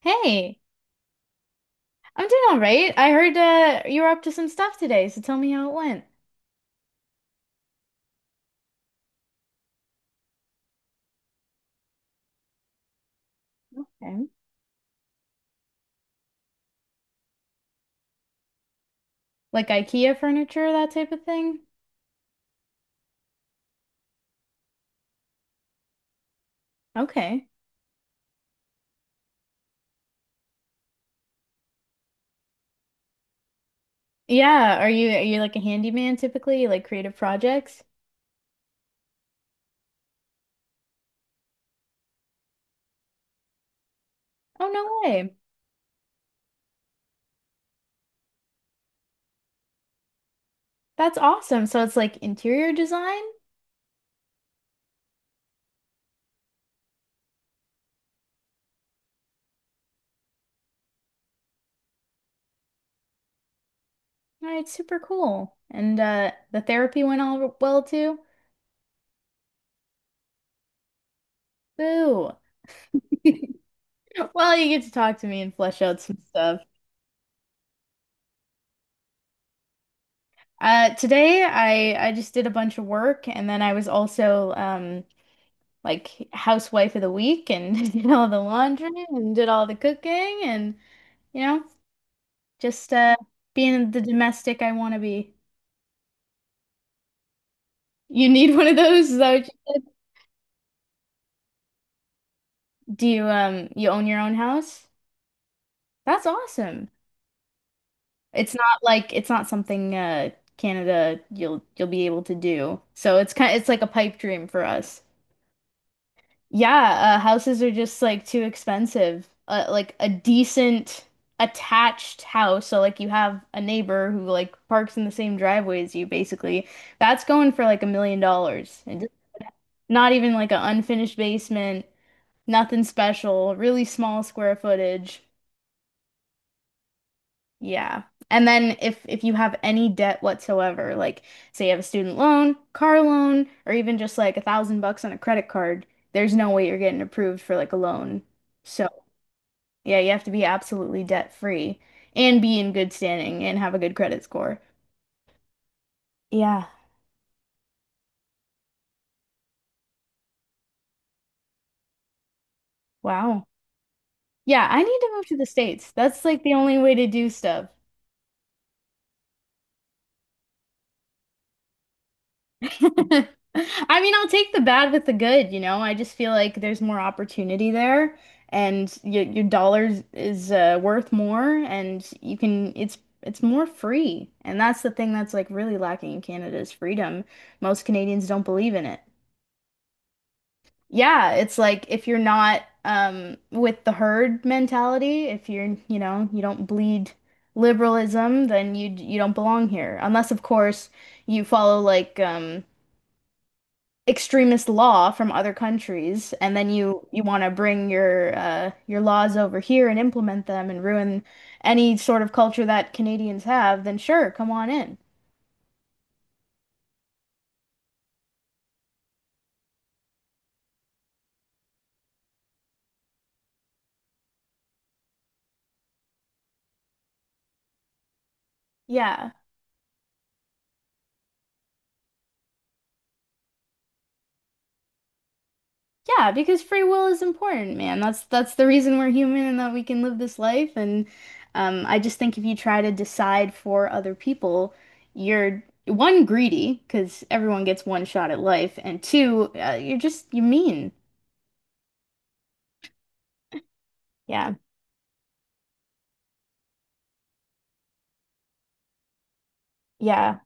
Hey, I'm doing all right. I heard you were up to some stuff today, so tell me how it went. Okay. Like IKEA furniture, that type of thing. Okay. Yeah, are you like a handyman typically? You like creative projects? Oh, no way. That's awesome. So it's like interior design? All right, super cool. And the therapy went all well too? Boo. Well, you get to talk to me and flesh out some stuff. Today I just did a bunch of work, and then I was also like housewife of the week and did all the laundry and did all the cooking and you know just being the domestic I want to be. You need one of those? Is that what you said? Do you you own your own house? That's awesome. It's not like it's not something Canada you'll be able to do. So it's kind it's like a pipe dream for us. Yeah, houses are just like too expensive. Like a decent attached house, so like you have a neighbor who like parks in the same driveway as you, basically. That's going for like $1 million. And just not even like an unfinished basement, nothing special, really small square footage. Yeah. And then if you have any debt whatsoever, like say you have a student loan, car loan, or even just like 1,000 bucks on a credit card, there's no way you're getting approved for like a loan. So yeah, you have to be absolutely debt free and be in good standing and have a good credit score. Yeah. Wow. Yeah, I need to move to the States. That's like the only way to do stuff. I mean, I'll take the bad with the good, you know. I just feel like there's more opportunity there, and your dollars is worth more, and you can it's more free. And that's the thing that's like really lacking in Canada is freedom. Most Canadians don't believe in it. Yeah, it's like if you're not with the herd mentality, if you're, you know, you don't bleed liberalism, then you don't belong here. Unless, of course, you follow like extremist law from other countries, and then you want to bring your laws over here and implement them and ruin any sort of culture that Canadians have, then sure, come on in. Yeah. Yeah, because free will is important, man. That's the reason we're human and that we can live this life. And I just think if you try to decide for other people, you're one greedy because everyone gets one shot at life, and two, you're just you're mean. Yeah, yeah.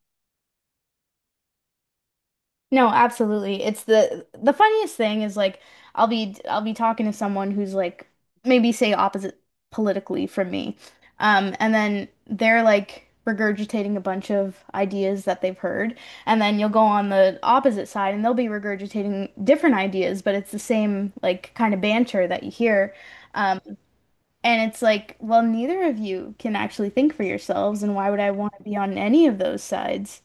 No, absolutely. It's the funniest thing is like I'll be talking to someone who's like maybe say opposite politically from me. And then they're like regurgitating a bunch of ideas that they've heard, and then you'll go on the opposite side and they'll be regurgitating different ideas, but it's the same like kind of banter that you hear. Um, and it's like, well, neither of you can actually think for yourselves, and why would I want to be on any of those sides?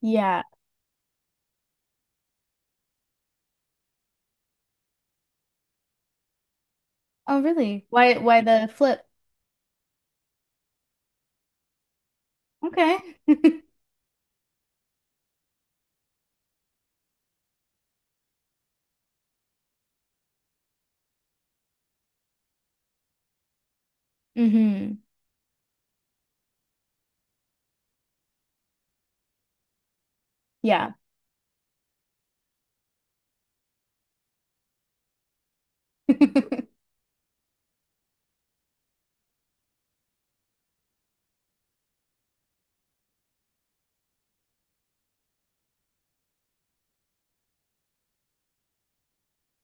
Yeah. Oh, really? Why the flip? Okay. Mm-hmm. Yeah.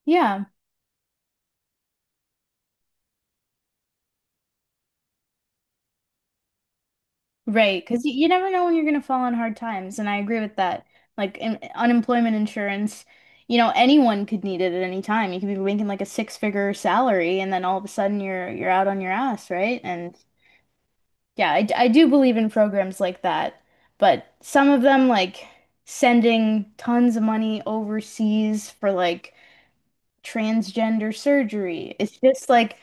Yeah. Right. Because you never know when you're going to fall on hard times. And I agree with that. Like in, unemployment insurance, you know, anyone could need it at any time. You could be making like a six-figure salary, and then all of a sudden you're out on your ass, right? And yeah, I do believe in programs like that. But some of them like sending tons of money overseas for like transgender surgery. It's just like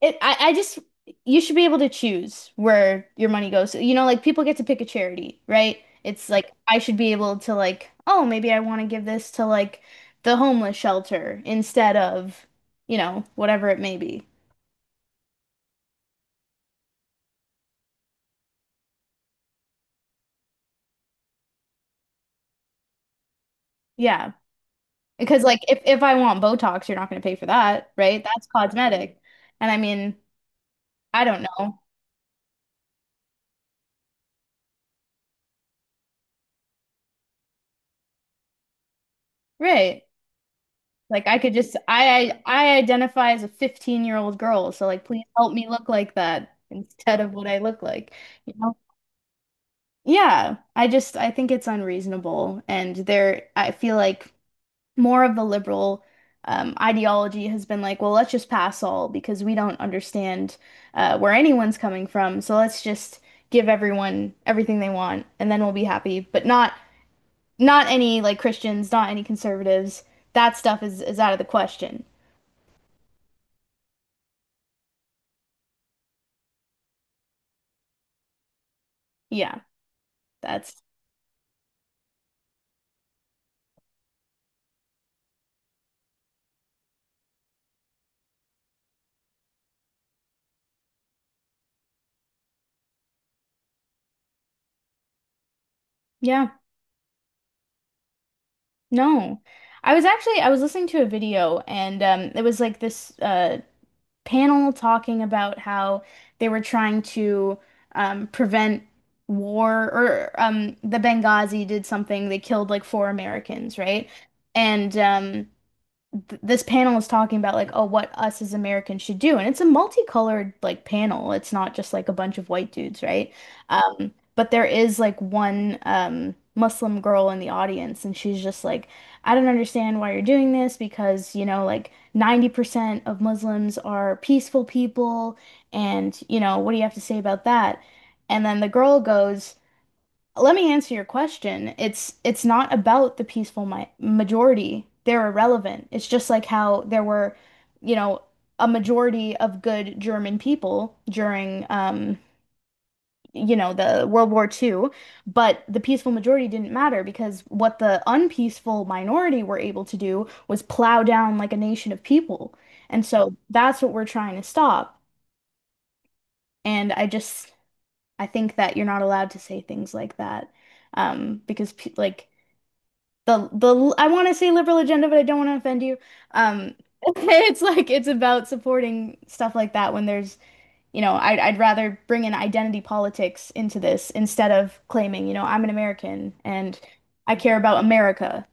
I just, you should be able to choose where your money goes. You know, like people get to pick a charity, right? It's like I should be able to like, oh, maybe I want to give this to like the homeless shelter instead of, you know, whatever it may be. Yeah. Because like if I want Botox, you're not going to pay for that, right? That's cosmetic. And I mean, I don't know. Right. Like I could just I identify as a 15-year-old girl, so like please help me look like that instead of what I look like. Yeah, I just I think it's unreasonable, and there I feel like more of the liberal ideology has been like, well, let's just pass all because we don't understand where anyone's coming from, so let's just give everyone everything they want, and then we'll be happy. But not not any like Christians, not any conservatives. That stuff is out of the question. Yeah, that's yeah, no. I was actually I was listening to a video, and it was like this panel talking about how they were trying to prevent war, or the Benghazi did something. They killed like four Americans, right? And th this panel is talking about like, oh, what us as Americans should do, and it's a multicolored like panel. It's not just like a bunch of white dudes, right? But there is like one Muslim girl in the audience, and she's just like, I don't understand why you're doing this because, you know, like 90% of Muslims are peaceful people, and you know, what do you have to say about that? And then the girl goes, let me answer your question. It's not about the peaceful mi majority. They're irrelevant. It's just like how there were, you know, a majority of good German people during you know, the World War II, but the peaceful majority didn't matter because what the unpeaceful minority were able to do was plow down like a nation of people. And so that's what we're trying to stop. And I just I think that you're not allowed to say things like that because like the I want to say liberal agenda, but I don't want to offend you. Um, it's like it's about supporting stuff like that when there's, you know, I'd rather bring in identity politics into this instead of claiming, you know, I'm an American and I care about America.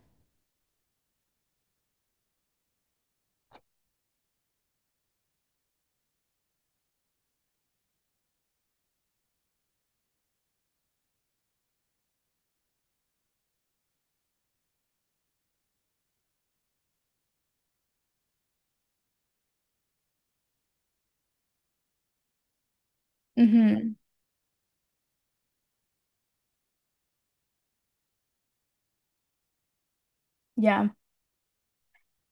Hmm. Yeah.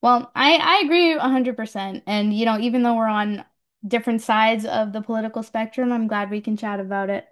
Well, I agree 100%. And you know, even though we're on different sides of the political spectrum, I'm glad we can chat about it.